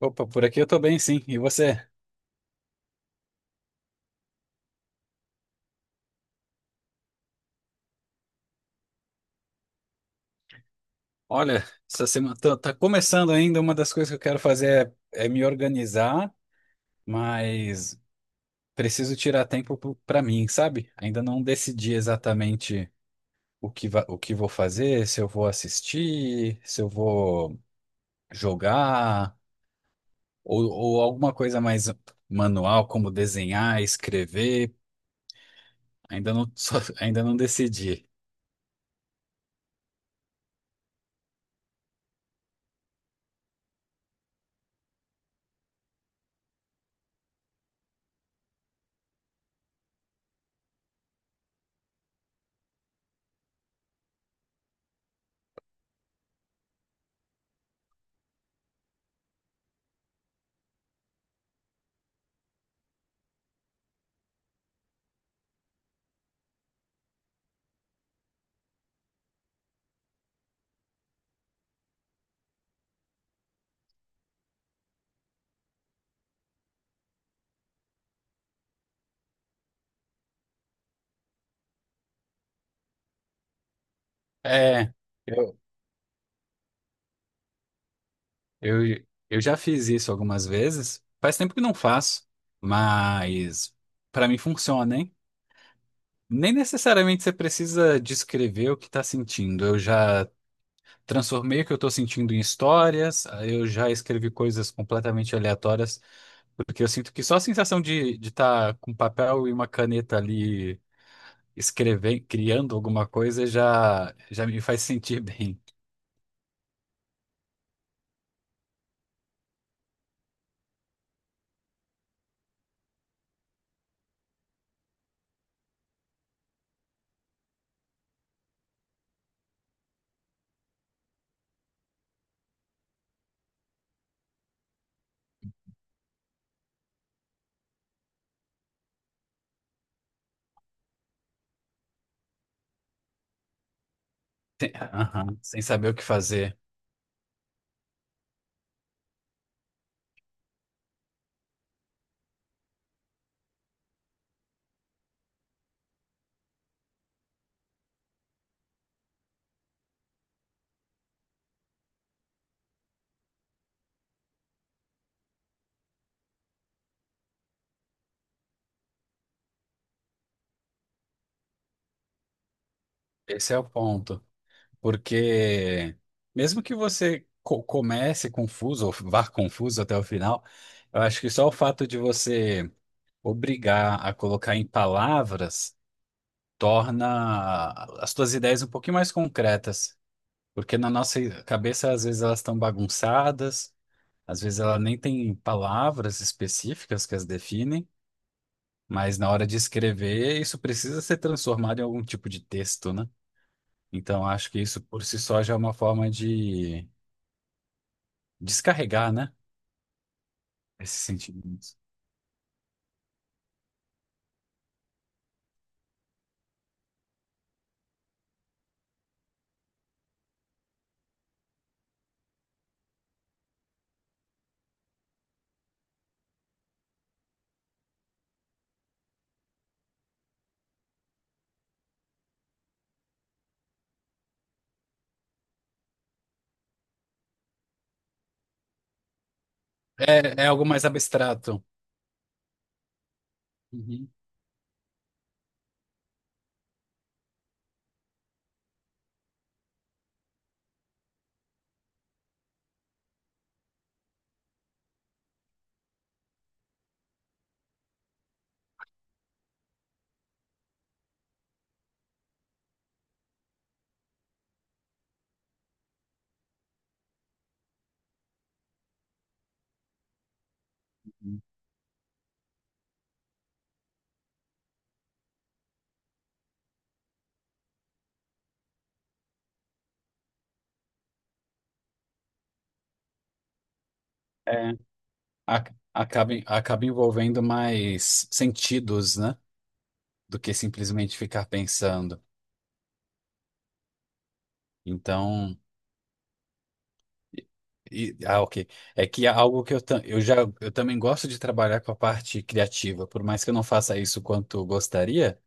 Opa, por aqui eu tô bem, sim. E você? Olha, essa semana tá começando ainda. Uma das coisas que eu quero fazer é me organizar, mas preciso tirar tempo pra mim, sabe? Ainda não decidi exatamente o o que vou fazer, se eu vou assistir, se eu vou jogar, ou alguma coisa mais manual, como desenhar, escrever. Ainda não, ainda não decidi. É. Eu, eu já fiz isso algumas vezes. Faz tempo que não faço, mas para mim funciona, hein? Nem necessariamente você precisa descrever o que está sentindo. Eu já transformei o que eu estou sentindo em histórias, eu já escrevi coisas completamente aleatórias, porque eu sinto que só a sensação de estar com um papel e uma caneta ali escrevendo, criando alguma coisa já me faz sentir bem. Aham, sem saber o que fazer. Esse é o ponto. Porque mesmo que você comece confuso ou vá confuso até o final, eu acho que só o fato de você obrigar a colocar em palavras torna as suas ideias um pouquinho mais concretas. Porque na nossa cabeça, às vezes, elas estão bagunçadas, às vezes ela nem tem palavras específicas que as definem, mas na hora de escrever, isso precisa ser transformado em algum tipo de texto, né? Então, acho que isso por si só já é uma forma de descarregar, né? Esses sentimentos. É, é algo mais abstrato. Uhum. É, acaba, acaba envolvendo mais sentidos, né? Do que simplesmente ficar pensando. Então, ok. É que é algo que eu já eu também gosto de trabalhar com a parte criativa, por mais que eu não faça isso quanto gostaria,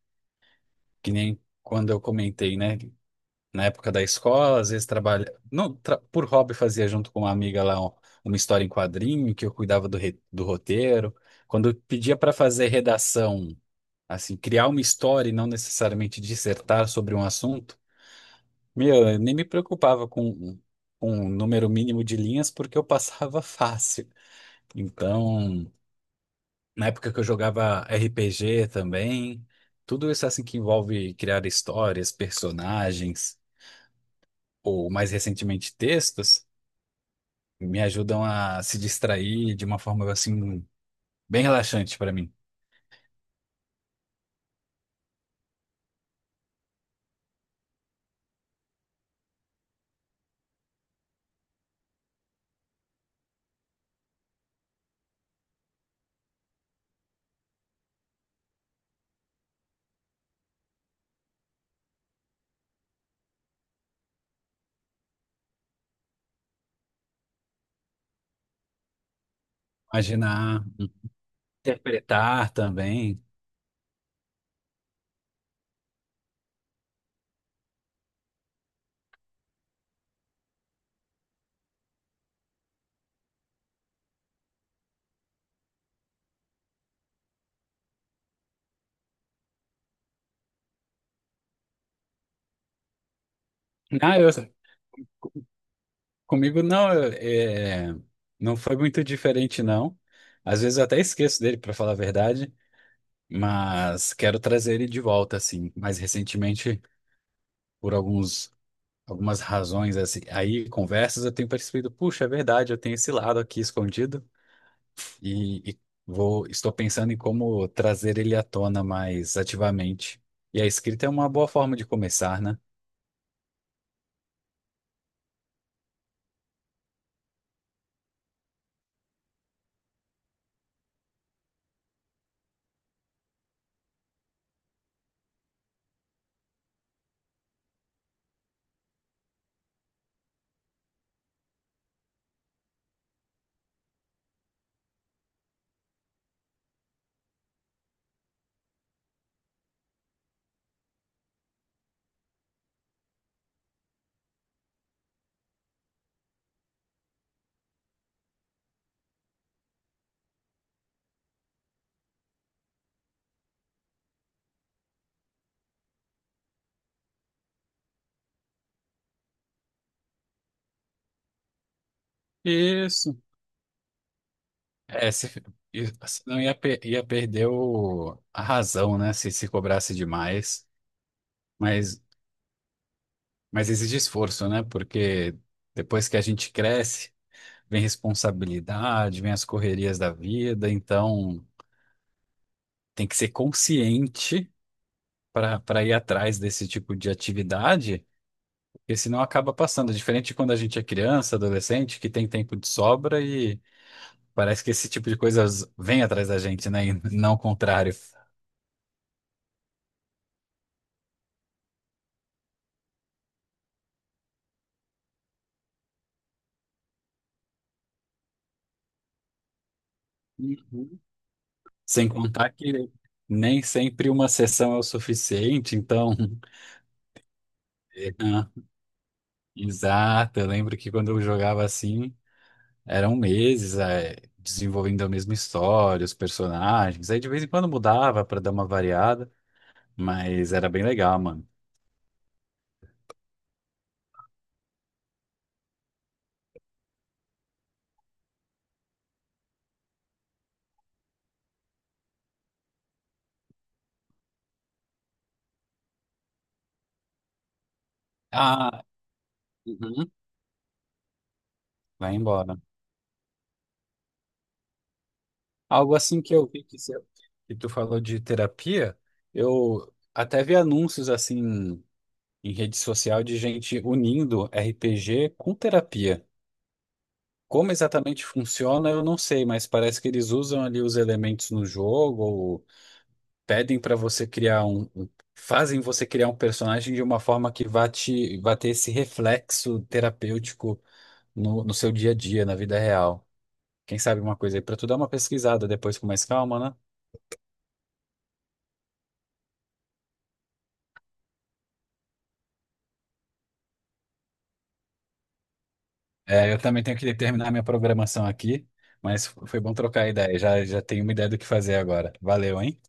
que nem quando eu comentei, né? Na época da escola, às vezes trabalha, não, tra- por hobby fazia junto com uma amiga lá uma história em quadrinho, que eu cuidava do roteiro. Quando eu pedia para fazer redação, assim, criar uma história e não necessariamente dissertar sobre um assunto, meu, eu nem me com um número mínimo de linhas porque eu passava fácil. Então, na época que eu jogava RPG também, tudo isso assim que envolve criar histórias, personagens, ou mais recentemente textos, me ajudam a se distrair de uma forma assim bem relaxante para mim. Imaginar, interpretar também. Ah, eu, comigo não, é, não foi muito diferente não. Às vezes eu até esqueço dele, para falar a verdade, mas quero trazer ele de volta assim. Mais recentemente, por alguns algumas razões assim, aí conversas eu tenho percebido, puxa, é verdade, eu tenho esse lado aqui escondido. E vou, estou pensando em como trazer ele à tona mais ativamente. E a escrita é uma boa forma de começar, né? Isso. É, se, e- Senão ia, ia perder a razão, né? Se se cobrasse demais. Mas, mas exige esforço, né? Porque depois que a gente cresce, vem responsabilidade, vem as correrias da vida. Então, tem que ser consciente para ir atrás desse tipo de atividade. Porque senão acaba passando. Diferente de quando a gente é criança, adolescente, que tem tempo de sobra e parece que esse tipo de coisa vem atrás da gente, né? E não o contrário. Uhum. Sem contar que nem sempre uma sessão é o suficiente, então. É. Ah, exato, eu lembro que quando eu jogava assim, eram meses, desenvolvendo a mesma história, os personagens. Aí de vez em quando mudava para dar uma variada, mas era bem legal, mano. Ah, uhum. Vai embora. Algo assim que eu vi que, se- que tu falou de terapia, eu até vi anúncios assim em rede social de gente unindo RPG com terapia. Como exatamente funciona, eu não sei, mas parece que eles usam ali os elementos no jogo, ou pedem para você criar fazem você criar um personagem de uma forma que vá te, vá ter esse reflexo terapêutico no seu dia a dia, na vida real. Quem sabe uma coisa aí para tu dar uma pesquisada depois com mais calma, né? É, eu também tenho que terminar minha programação aqui, mas foi bom trocar a ideia. Já, já tenho uma ideia do que fazer agora. Valeu, hein?